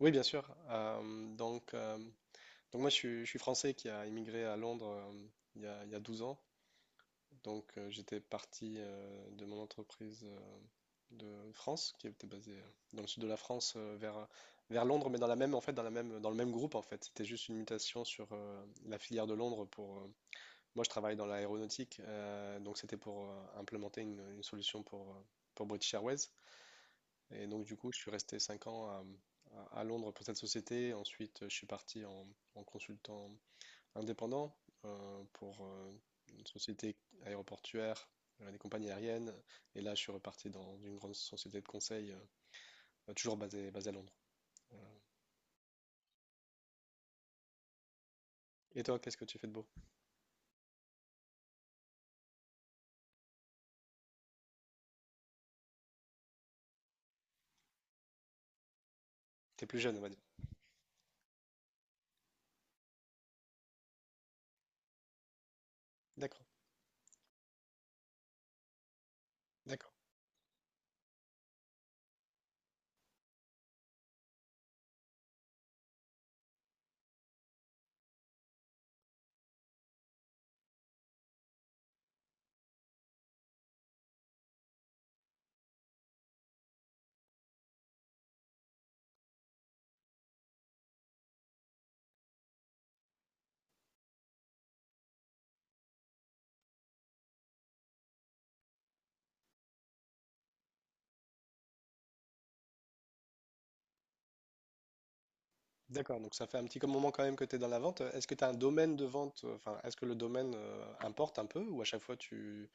Oui, bien sûr. Donc moi, je suis français qui a immigré à Londres il y a 12 ans. Donc, j'étais parti de mon entreprise de France, qui était basée dans le sud de la France, vers Londres, mais dans la même, en fait, dans le même groupe, en fait. C'était juste une mutation sur la filière de Londres pour moi, je travaille dans l'aéronautique, donc c'était pour implémenter une solution pour British Airways. Et donc, du coup, je suis resté 5 ans à Londres pour cette société. Ensuite, je suis parti en consultant indépendant pour une société aéroportuaire, des compagnies aériennes. Et là, je suis reparti dans une grande société de conseil, bah, toujours basée à Londres. Et toi, qu'est-ce que tu fais de beau? T'es plus jeune, on va dire. D'accord, d'accord, d'accord. Donc, ça fait un petit moment quand même que tu es dans la vente. Est-ce que tu as un domaine de vente? Enfin, est-ce que le domaine importe un peu ou à chaque fois tu,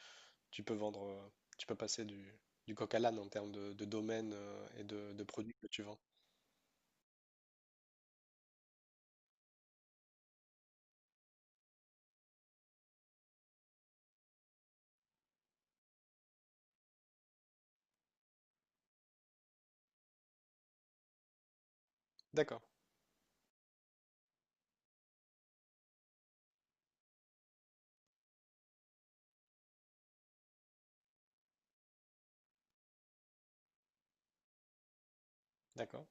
Tu peux vendre, tu peux passer du coq à l'âne en termes de domaine et de produits que tu vends. D'accord, d'accord,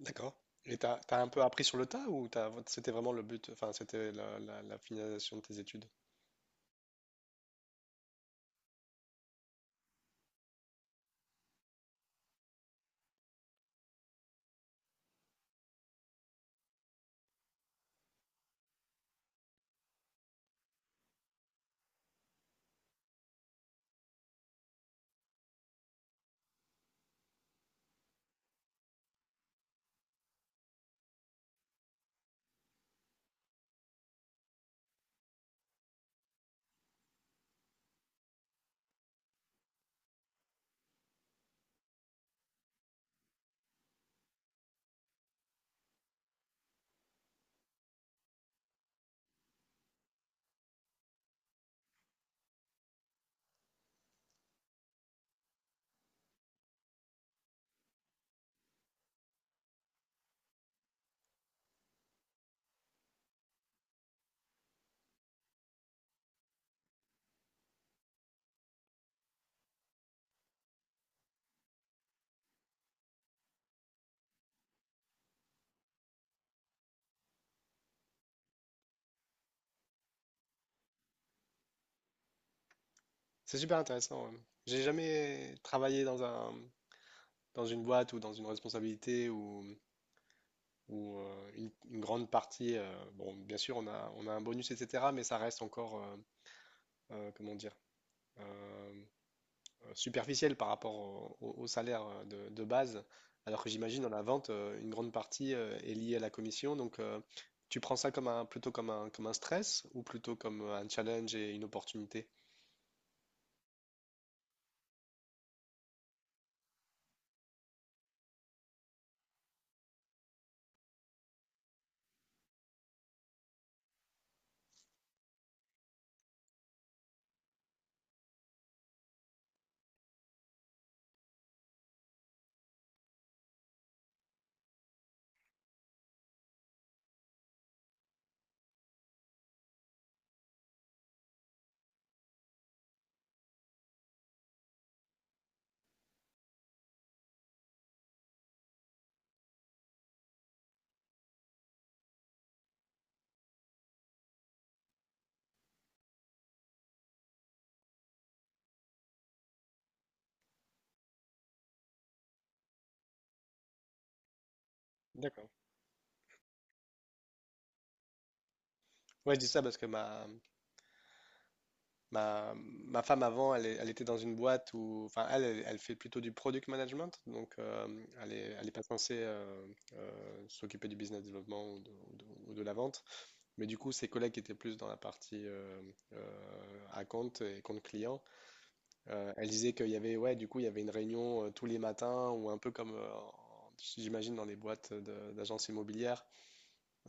d'accord. Et t'as un peu appris sur le tas ou c'était vraiment le but, enfin c'était la finalisation de tes études? C'est super intéressant. Ouais. J'ai jamais travaillé dans dans une boîte ou dans une responsabilité ou une grande partie. Bon, bien sûr, on a un bonus, etc., mais ça reste encore, comment dire, superficielle par rapport au salaire de base, alors que j'imagine dans la vente, une grande partie est liée à la commission. Donc, tu prends ça plutôt comme un stress ou plutôt comme un challenge et une opportunité? D'accord. Ouais, je dis ça parce que ma femme avant, elle était dans une boîte où, enfin, elle fait plutôt du product management, donc elle est pas censée s'occuper du business développement ou de la vente. Mais du coup, ses collègues qui étaient plus dans la partie account et compte client, elle disait qu'il y avait, ouais, du coup, il y avait une réunion tous les matins ou un peu comme, j'imagine, dans les boîtes d'agences immobilières.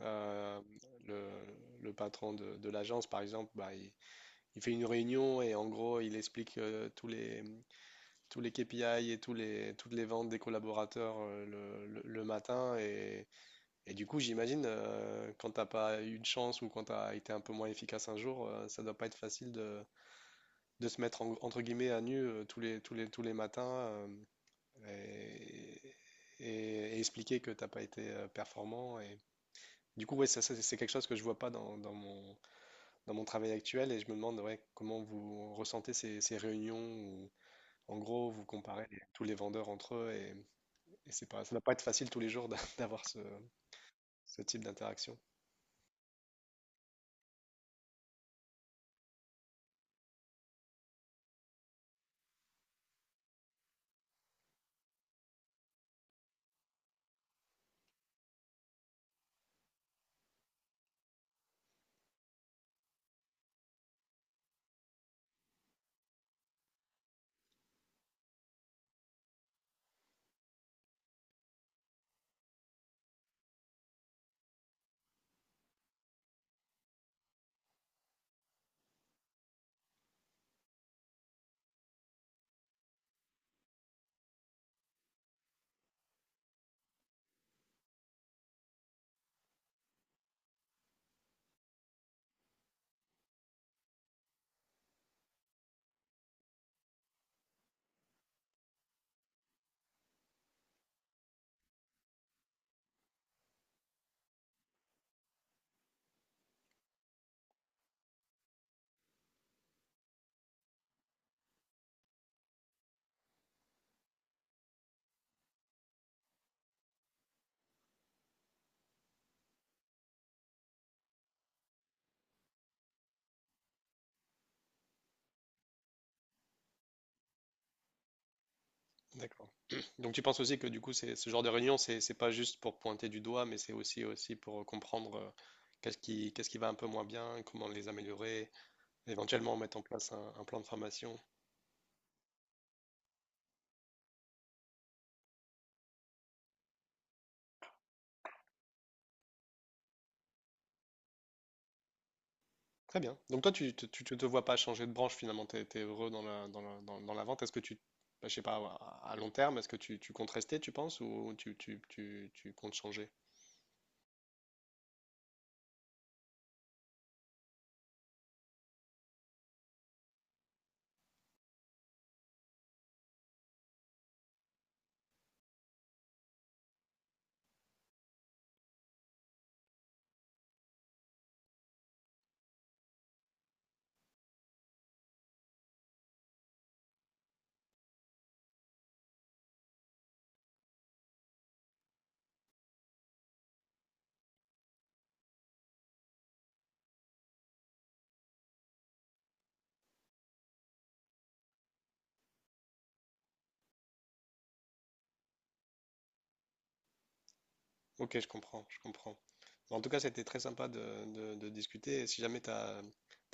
euh, le, le patron de l'agence, par exemple, bah, il fait une réunion et en gros, il explique tous les KPI et toutes les ventes des collaborateurs le matin. Et du coup, j'imagine, quand t'as pas eu de chance ou quand t'as été un peu moins efficace un jour, ça doit pas être facile de se mettre entre guillemets à nu tous les matins et, et expliquer que t'as pas été performant. Du coup, ouais, c'est quelque chose que je vois pas dans, dans mon travail actuel et je me demande ouais, comment vous ressentez ces réunions où, en gros, vous comparez tous les vendeurs entre eux et c'est pas, ça doit pas être facile tous les jours d'avoir ce type d'interaction. D'accord. Donc tu penses aussi que du coup, ce genre de réunion, c'est pas juste pour pointer du doigt, mais c'est aussi pour comprendre qu'est-ce qui va un peu moins bien, comment les améliorer, éventuellement mettre en place un plan de formation. Très bien. Donc toi, tu te vois pas changer de branche finalement, tu es heureux dans la vente. Est-ce que bah, je sais pas, à long terme, est-ce que tu comptes rester, tu penses, ou tu comptes changer? Ok, je comprends, je comprends. Bon, en tout cas, c'était très sympa de discuter. Et si jamais tu as,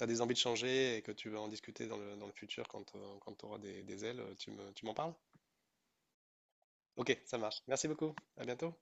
des envies de changer et que tu veux en discuter dans le futur quand, tu auras des ailes, tu m'en parles? Ok, ça marche. Merci beaucoup. À bientôt.